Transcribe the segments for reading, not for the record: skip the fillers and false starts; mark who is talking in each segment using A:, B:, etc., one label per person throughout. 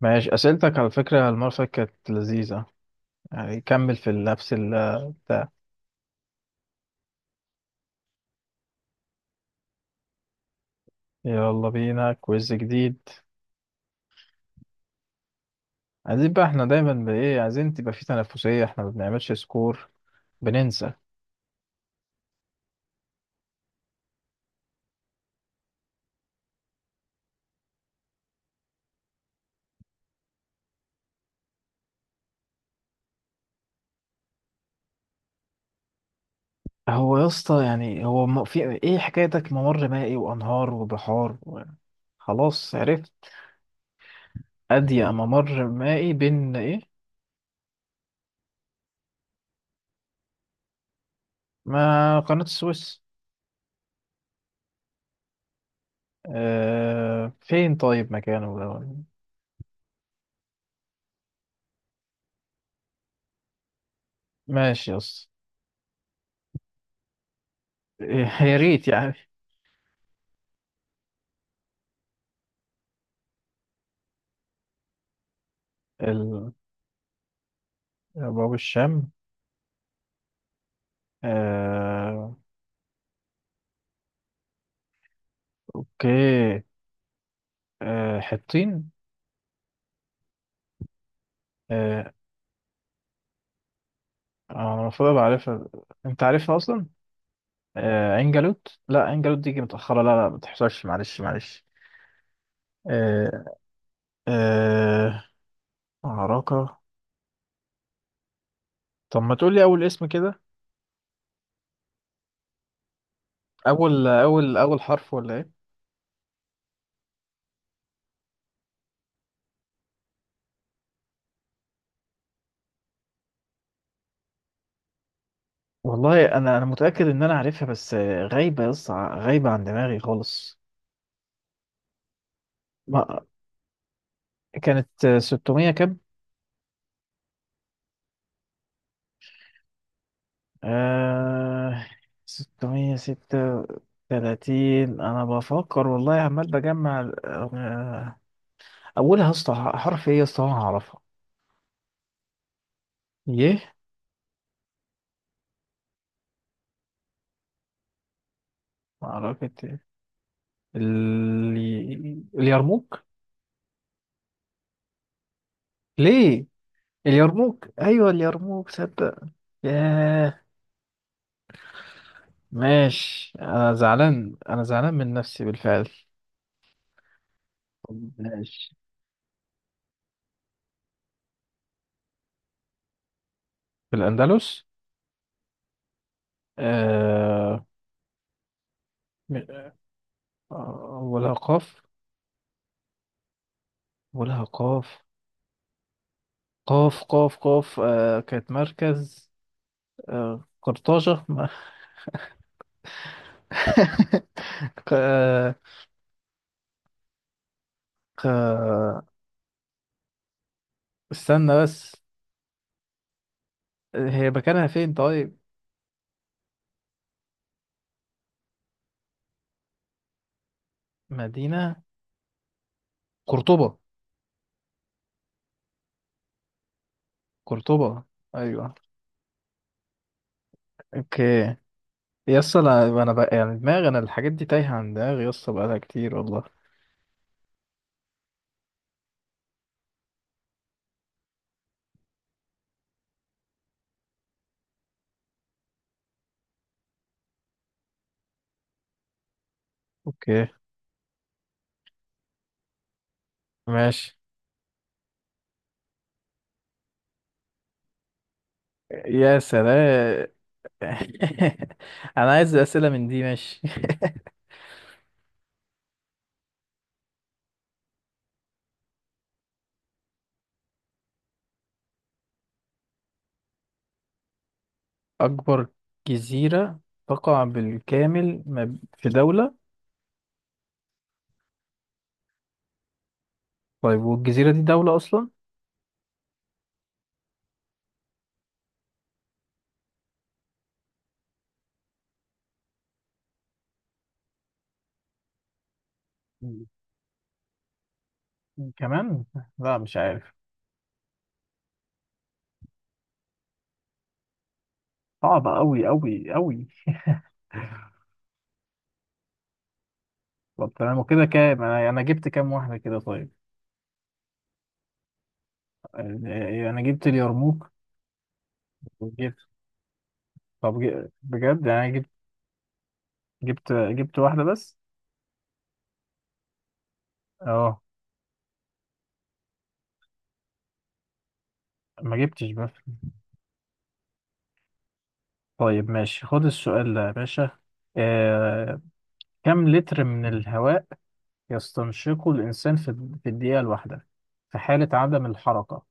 A: ماشي، أسئلتك على فكرة المرة اللي فاتت كانت لذيذة. يعني كمل في نفس بتاع. يلا بينا كويز جديد. عايزين بقى، احنا دايما بإيه، عايزين تبقى في تنافسية. احنا ما بنعملش سكور، بننسى. هو يا اسطى، يعني هو في ايه حكايتك؟ ممر مائي وأنهار وبحار و-. خلاص عرفت. أضيق ممر مائي بين ايه؟ ما قناة السويس. اه، فين طيب مكانه ده؟ ماشي يا اسطى. يا ريت يعني. ال- باب الشام. آه، اوكي. حطين. آه، انا المفروض ابقى عارفها. انت عارفها اصلا. عين جالوت، لا عين جالوت دي جه متاخره، لا ما تحصلش، معلش معلش. آه، آه، عراقه. طب ما تقول لي اول اسم كده؟ اول حرف ولا ايه؟ والله انا متاكد ان انا عارفها، بس غايبه يا اسطى، غايبه عن دماغي خالص. ما كانت 600 كام؟ آه. ستمية ستة تلاتين. أنا بفكر والله، عمال بجمع أولها يا اسطى حرف إيه يا اسطى وأنا هعرفها؟ يه. معركة إيه؟ اليرموك. ليه؟ اليرموك، أيوة اليرموك، صدق. ياه. ماشي، أنا زعلان، أنا زعلان من نفسي بالفعل. طب ماشي. في الأندلس. آه م- أولها قاف. أولها قاف. قاف آه، كانت مركز. آه، قرطاجة. ق- آه، ق- استنى بس. هي مكانها فين طيب؟ مدينة. قرطبة. قرطبة، أيوة. أوكي. يس. أنا بقى يعني دماغي، أنا الحاجات دي تايهة عن دماغي يس بقالها كتير والله. أوكي، ماشي. يا سلام. أنا عايز أسئلة من دي، ماشي. أكبر جزيرة تقع بالكامل في دولة. طيب والجزيرة دي دولة أصلا؟ كمان. لا، مش عارف. صعبة أوي أوي أوي. طب تمام، وكده كام؟ أنا جبت كام واحدة كده طيب؟ يعني أنا جبت اليرموك، وجبت. طب بجد يعني أنا جبت، جبت واحدة بس. أه. ما جبتش بس. طيب ماشي، خد السؤال ده يا باشا. آه... كم لتر من الهواء يستنشقه الإنسان في في الدقيقة الواحدة في حالة عدم الحركة؟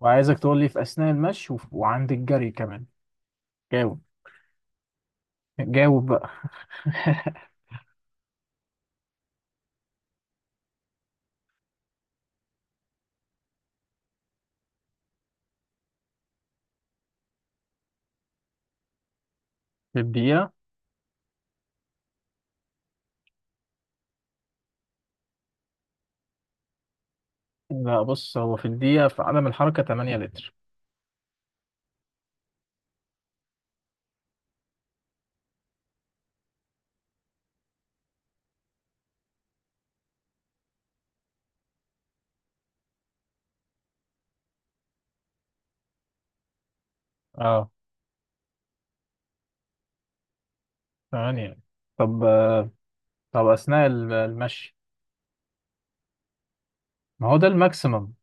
A: وعايزك تقول لي في أثناء المشي وعند الجري كمان. جاوب. جاوب بقى. في الدقيقة. لا، بص، هو في الدقيقة في عدم الحركة 8 لتر. اه. 8. طب طب أثناء المشي، ما هو ده الماكسيمم؟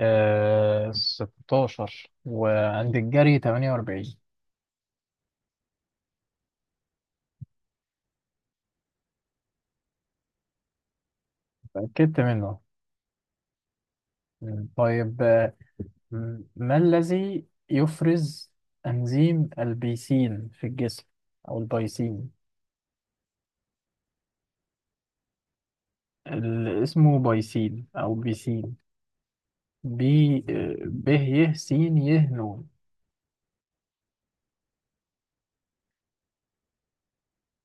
A: آه، 16، وعند الجري 48. اتأكدت منه. مم. طيب آه، ما الذي يفرز أنزيم البيسين في الجسم؟ أو البيسين. اسمه بايسين أو بيسين. ب. ب ي س ي ن.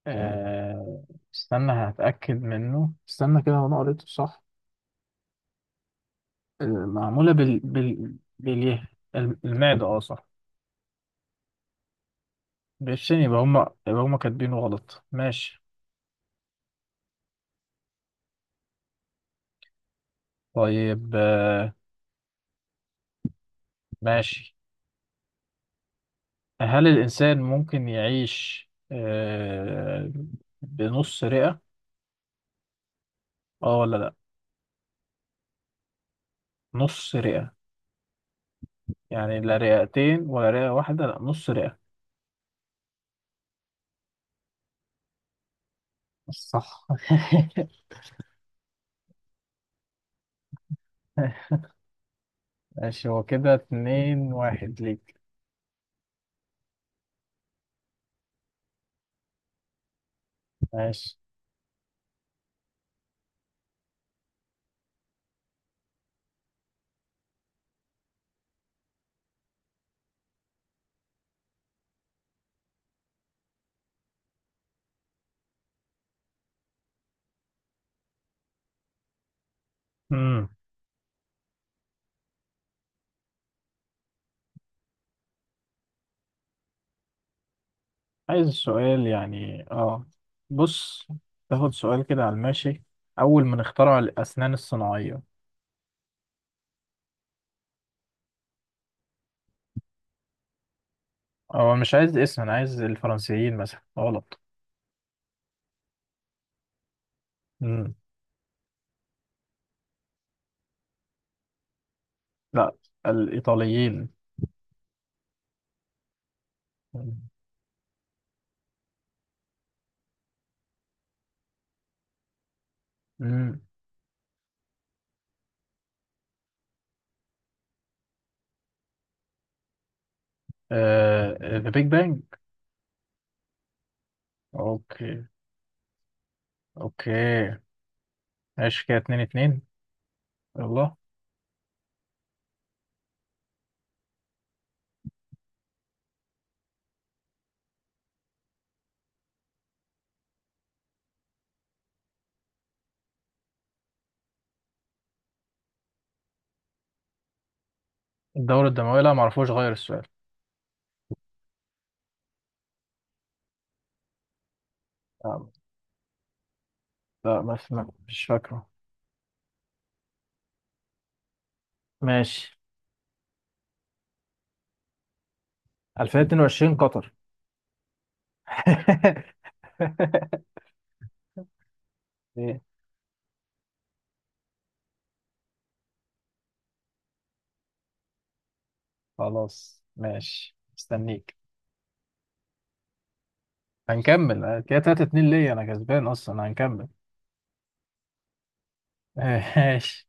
A: آه، استنى هتأكد منه، استنى كده، وانا قريته صح. آه، معمولة بال باليه. المعدة، اه صح. بالشين، يبقى هما، يبقى هما كاتبينه غلط. ماشي. طيب آه، ماشي. هل الإنسان ممكن يعيش آه بنص رئة، اه ولا لا؟ نص رئة، يعني لا رئتين ولا رئة واحدة، لا نص رئة. صح. ماشي، هو كده اتنين واحد ليك. ماشي. امم. عايز سؤال يعني اه. بص. تاخد سؤال كده على الماشي؟ أول من اخترع الأسنان الصناعية. هو مش عايز اسم، أنا عايز الفرنسيين مثلا. غلط. امم. لا. الإيطاليين. امم. آه، ذا بيج بانج. اوكي. اوكي، ماشي، كده اتنين اتنين. يلا. الدورة الدموية، لا معرفوش غير السؤال. لا. لا، بس مش فاكره. ماشي. 2022، قطر. ايه. خلاص ماشي، مستنيك. هنكمل كده 3 2 ليا انا كسبان اصلا، هنكمل. ماشي.